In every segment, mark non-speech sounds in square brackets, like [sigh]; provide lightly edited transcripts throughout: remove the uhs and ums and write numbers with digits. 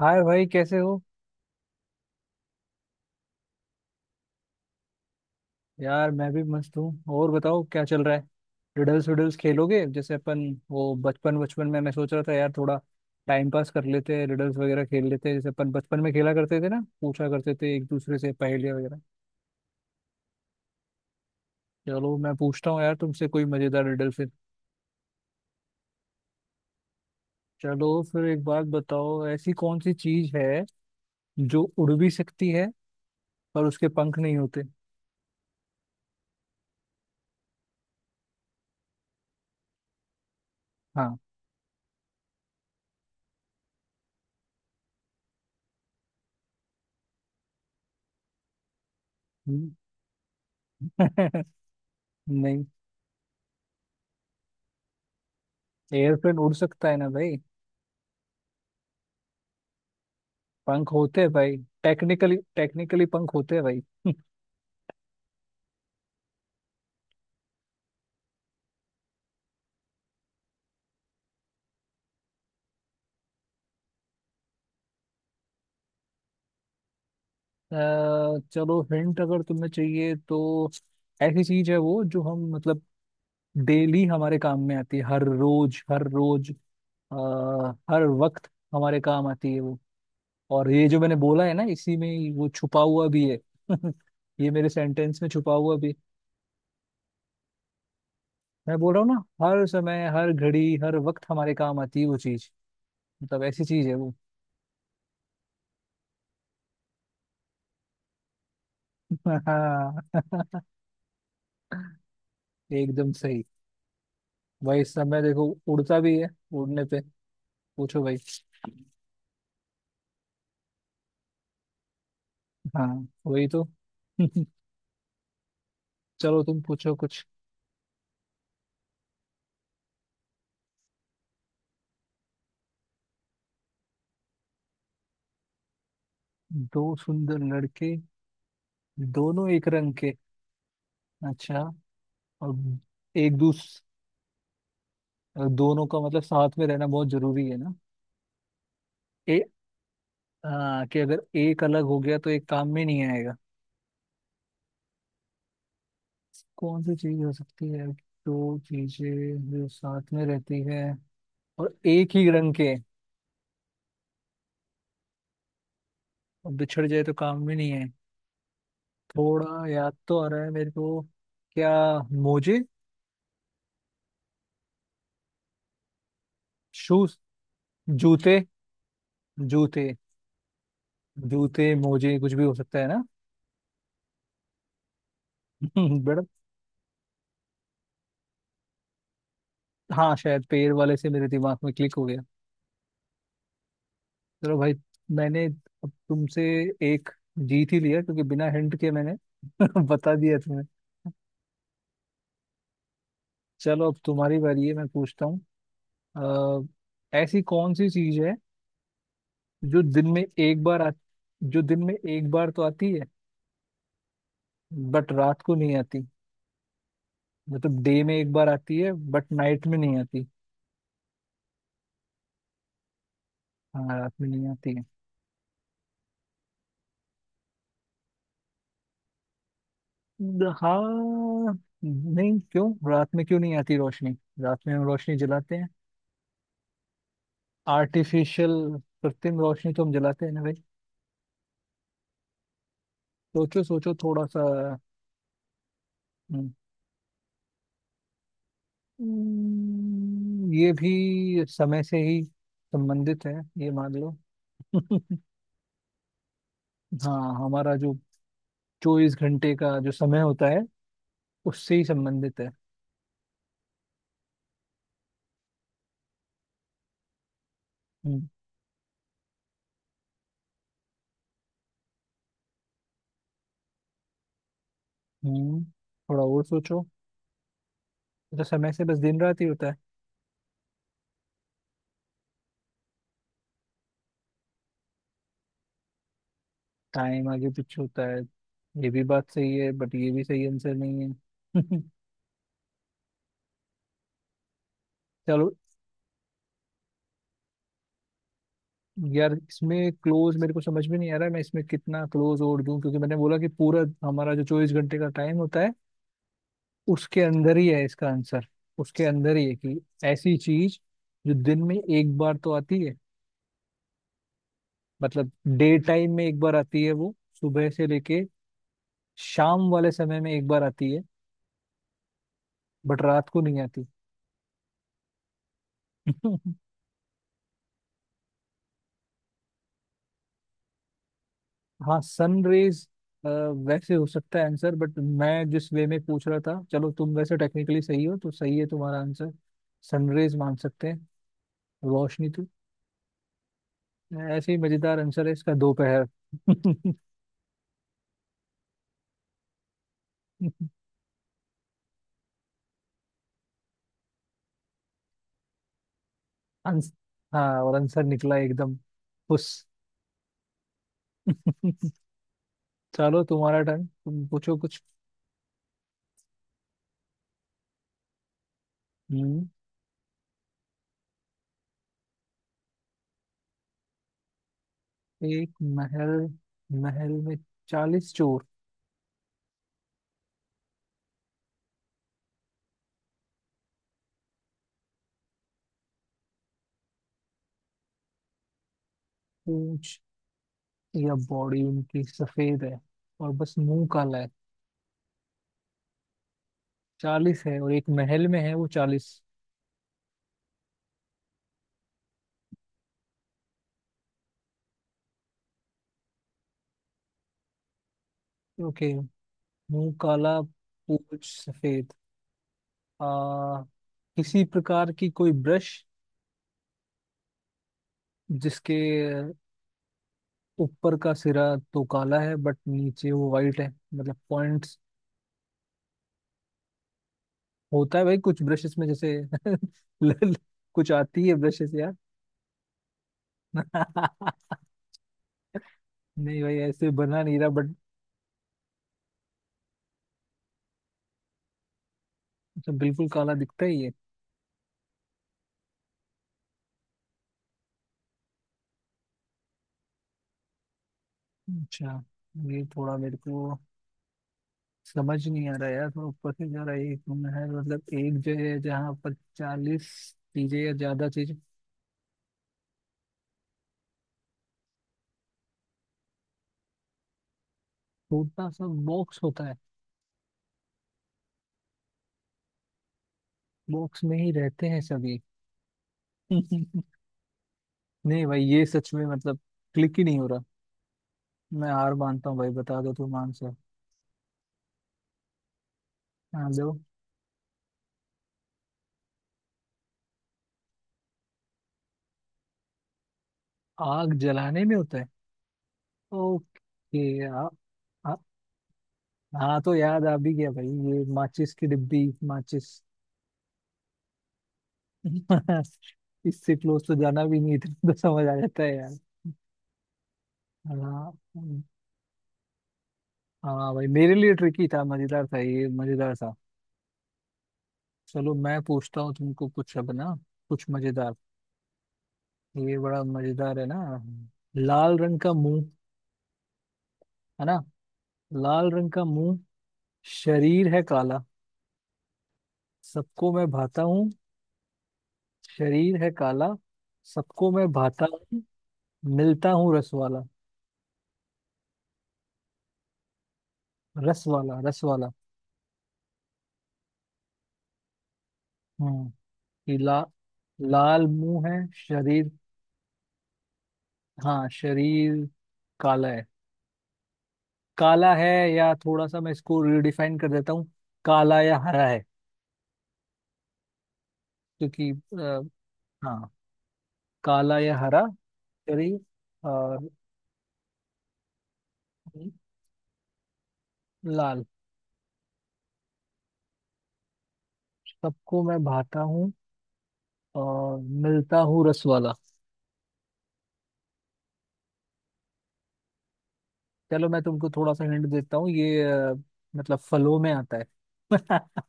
हाय भाई, कैसे हो? यार मैं भी मस्त हूँ, और बताओ क्या चल रहा है। रिडल्स विडल्स खेलोगे जैसे अपन, वो बचपन बचपन में? मैं सोच रहा था यार थोड़ा टाइम पास कर लेते हैं, रिडल्स वगैरह खेल लेते हैं, जैसे अपन बचपन में खेला करते थे ना, पूछा करते थे एक दूसरे से पहेलियाँ वगैरह। चलो मैं पूछता हूँ यार तुमसे कोई मजेदार रिडल फिर। चलो फिर एक बात बताओ, ऐसी कौन सी चीज है जो उड़ भी सकती है पर उसके पंख नहीं होते। हाँ। [laughs] हम्म। नहीं। एयरप्लेन उड़ सकता है ना भाई, पंख होते हैं भाई। टेक्निकली टेक्निकली पंख होते हैं भाई [laughs] चलो हिंट अगर तुम्हें चाहिए तो, ऐसी चीज है वो जो हम मतलब डेली हमारे काम में आती है, हर रोज हर रोज। आ, हर वक्त हमारे काम आती है वो, और ये जो मैंने बोला है ना इसी में ही वो छुपा हुआ भी है [laughs] ये मेरे सेंटेंस में छुपा हुआ भी है। मैं बोल रहा हूँ ना, हर समय हर घड़ी हर वक्त हमारे काम आती है वो चीज, मतलब ऐसी चीज है वो [laughs] हाँ [laughs] एकदम सही। भाई इस समय देखो, उड़ता भी है उड़ने पे। पूछो भाई। हाँ वही तो [laughs] चलो तुम पूछो कुछ। दो सुंदर लड़के, दोनों एक रंग के। अच्छा। और एक दूस दोनों का मतलब साथ में रहना बहुत जरूरी है ना। ए कि अगर एक अलग हो गया तो एक काम में नहीं आएगा। कौन सी चीज हो सकती है? दो चीजें जो साथ में रहती है, और एक ही रंग के हैं, और बिछड़ जाए तो काम में नहीं। थोड़ा याद तो आ रहा है मेरे को। क्या? मोजे। शूज, जूते जूते। जूते मोजे कुछ भी हो सकता है ना [laughs] बड़ा। हाँ शायद पैर वाले से मेरे दिमाग में क्लिक हो गया। चलो भाई, मैंने अब तुमसे एक जीत ही लिया, क्योंकि बिना हिंट के मैंने [laughs] बता दिया तुम्हें। चलो अब तुम्हारी बारी है, मैं पूछता हूँ। ऐसी कौन सी चीज है जो दिन में एक बार जो दिन में एक बार तो आती है बट रात को नहीं आती, मतलब डे में एक बार आती है बट नाइट में नहीं आती। हाँ रात में नहीं आती है। हाँ। नहीं, क्यों रात में क्यों नहीं आती रोशनी? रात में हम रोशनी जलाते हैं। आर्टिफिशियल, कृत्रिम रोशनी तो हम जलाते हैं ना भाई। सोचो सोचो थोड़ा सा। हम्म, ये भी समय से ही संबंधित है, ये मान लो [laughs] हाँ हमारा जो 24 घंटे का जो समय होता है उससे ही संबंधित है। हम्म हम्म, थोड़ा और सोचो। तो समय से बस दिन रात ही होता है? टाइम आगे पीछे होता है? ये भी बात सही है बट ये भी सही आंसर नहीं है [laughs] चलो। यार इसमें क्लोज मेरे को समझ में नहीं आ रहा है, मैं इसमें कितना क्लोज और दूं, क्योंकि मैंने बोला कि पूरा हमारा जो 24 घंटे का टाइम होता है उसके अंदर ही है इसका आंसर। उसके अंदर ही है, कि ऐसी चीज जो दिन में एक बार तो आती है, मतलब डे टाइम में एक बार आती है वो, सुबह से लेके शाम वाले समय में एक बार आती है, बट रात को नहीं आती [laughs] हाँ सन रेज वैसे हो सकता है आंसर, बट मैं जिस वे में पूछ रहा था, चलो तुम वैसे टेक्निकली सही हो तो सही है तुम्हारा आंसर, सनरेज मान सकते हैं, रोशनी तो। ऐसे ही मजेदार आंसर है इसका, दोपहर [laughs] आंस- हाँ और आंसर निकला एकदम खुश [laughs] चलो तुम्हारा टर्न तुम पूछो कुछ। हम्म। एक महल महल में 40 चोर। पूंछ या बॉडी उनकी सफेद है, और बस मुंह काला है। 40 है और एक महल में है वो 40। ओके। मुंह काला, पूंछ सफेद। आ किसी प्रकार की कोई ब्रश, जिसके ऊपर का सिरा तो काला है बट नीचे वो वाइट है, मतलब पॉइंट्स। होता है भाई कुछ ब्रशेस में जैसे [laughs] लल- कुछ आती है ब्रशेस यार [laughs] नहीं भाई ऐसे बना नहीं रहा बट, मतलब बिल्कुल काला दिखता ही है। अच्छा। ये थोड़ा मेरे को समझ नहीं आ रहा यार, थोड़ा ऊपर से जा रहा है। एक रूम है, मतलब एक जगह है जहाँ पर 40 चीजें या ज्यादा चीजें। छोटा सा बॉक्स होता है, बॉक्स में ही रहते हैं सभी [laughs] नहीं भाई ये सच में मतलब क्लिक ही नहीं हो रहा, मैं हार मानता हूँ भाई, बता दो तुम आंसर। हाँ जो आग जलाने में होता है। ओके। आ, आ, हाँ तो याद आ भी गया भाई, ये माचिस की डिब्बी, माचिस [laughs] इससे क्लोज तो जाना भी नहीं था तो समझ आ जाता है यार। हाँ। हाँ भाई मेरे लिए ट्रिकी था, मजेदार था, ये मजेदार था। चलो मैं पूछता हूँ तुमको कुछ अब ना, कुछ मजेदार। ये बड़ा मजेदार है ना, लाल रंग का मुंह, है ना? लाल रंग का मुंह, शरीर है काला, सबको मैं भाता हूँ। शरीर है काला, सबको मैं भाता हूँ, मिलता हूँ रस वाला, रस वाला रस वाला। हम्म। ये लाल मुंह है शरीर। हाँ शरीर काला है, काला है, या थोड़ा सा मैं इसको रिडिफाइन कर देता हूँ, काला या हरा है, क्योंकि हाँ काला या हरा, करी और लाल। सबको मैं भाता हूँ और मिलता हूँ रस वाला। चलो मैं तुमको थोड़ा सा हिंट देता हूँ, ये मतलब फलों में आता है [laughs]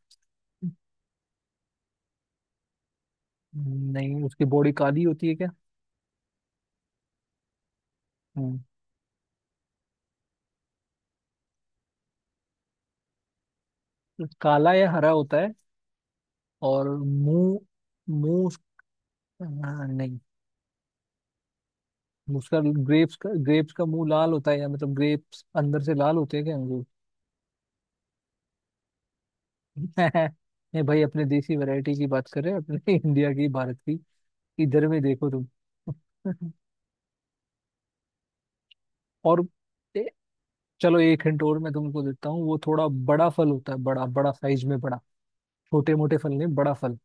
नहीं उसकी बॉडी काली होती है क्या? हम्म, काला या हरा होता है और मुंह, मुंह हाँ, नहीं उसका। ग्रेप्स का मुंह लाल होता है, या मतलब ग्रेप्स अंदर से लाल होते हैं क्या, अंगूर [laughs] नहीं भाई अपने देसी वैरायटी की बात कर रहे हैं अपने [laughs] इंडिया की, भारत की, इधर में देखो तुम [laughs] और ए- चलो एक हिंट और मैं तुमको देता हूँ, वो थोड़ा बड़ा फल होता है, बड़ा बड़ा, साइज में बड़ा, छोटे मोटे फल नहीं, बड़ा फल।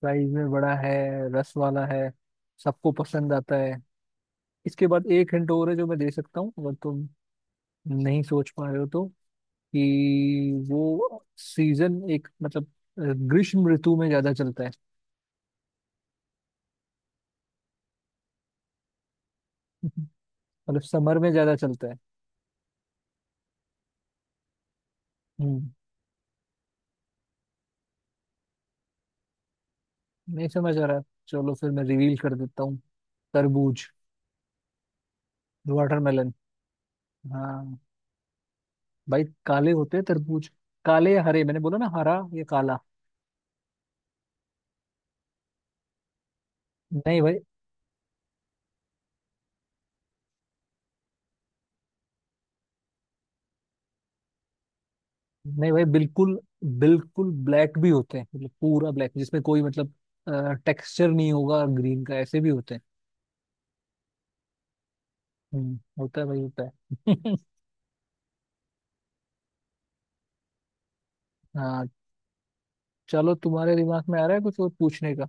साइज में बड़ा है, रस वाला है, सबको पसंद आता है। इसके बाद एक हिंट और है जो मैं दे सकता हूँ अगर तुम नहीं सोच पा रहे हो तो, कि वो सीजन एक मतलब ग्रीष्म ऋतु में ज्यादा चलता है [laughs] मतलब समर में ज्यादा चलता है। हम्म। नहीं समझ आ रहा, चलो फिर मैं रिवील कर देता हूँ। तरबूज। वाटरमेलन। हाँ भाई काले होते हैं तरबूज, काले या हरे मैंने बोला ना, हरा या काला। नहीं भाई, नहीं भाई बिल्कुल बिल्कुल ब्लैक भी होते हैं, मतलब पूरा ब्लैक जिसमें कोई मतलब टेक्सचर नहीं होगा ग्रीन का, ऐसे भी होते हैं। होता है भाई होता है [laughs] हाँ। चलो तुम्हारे दिमाग में आ रहा है कुछ और पूछने का?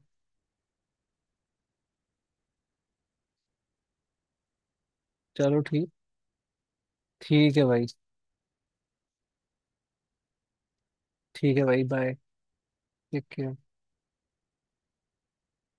चलो ठीक। ठीक है भाई, ठीक है भाई बाय। Take care.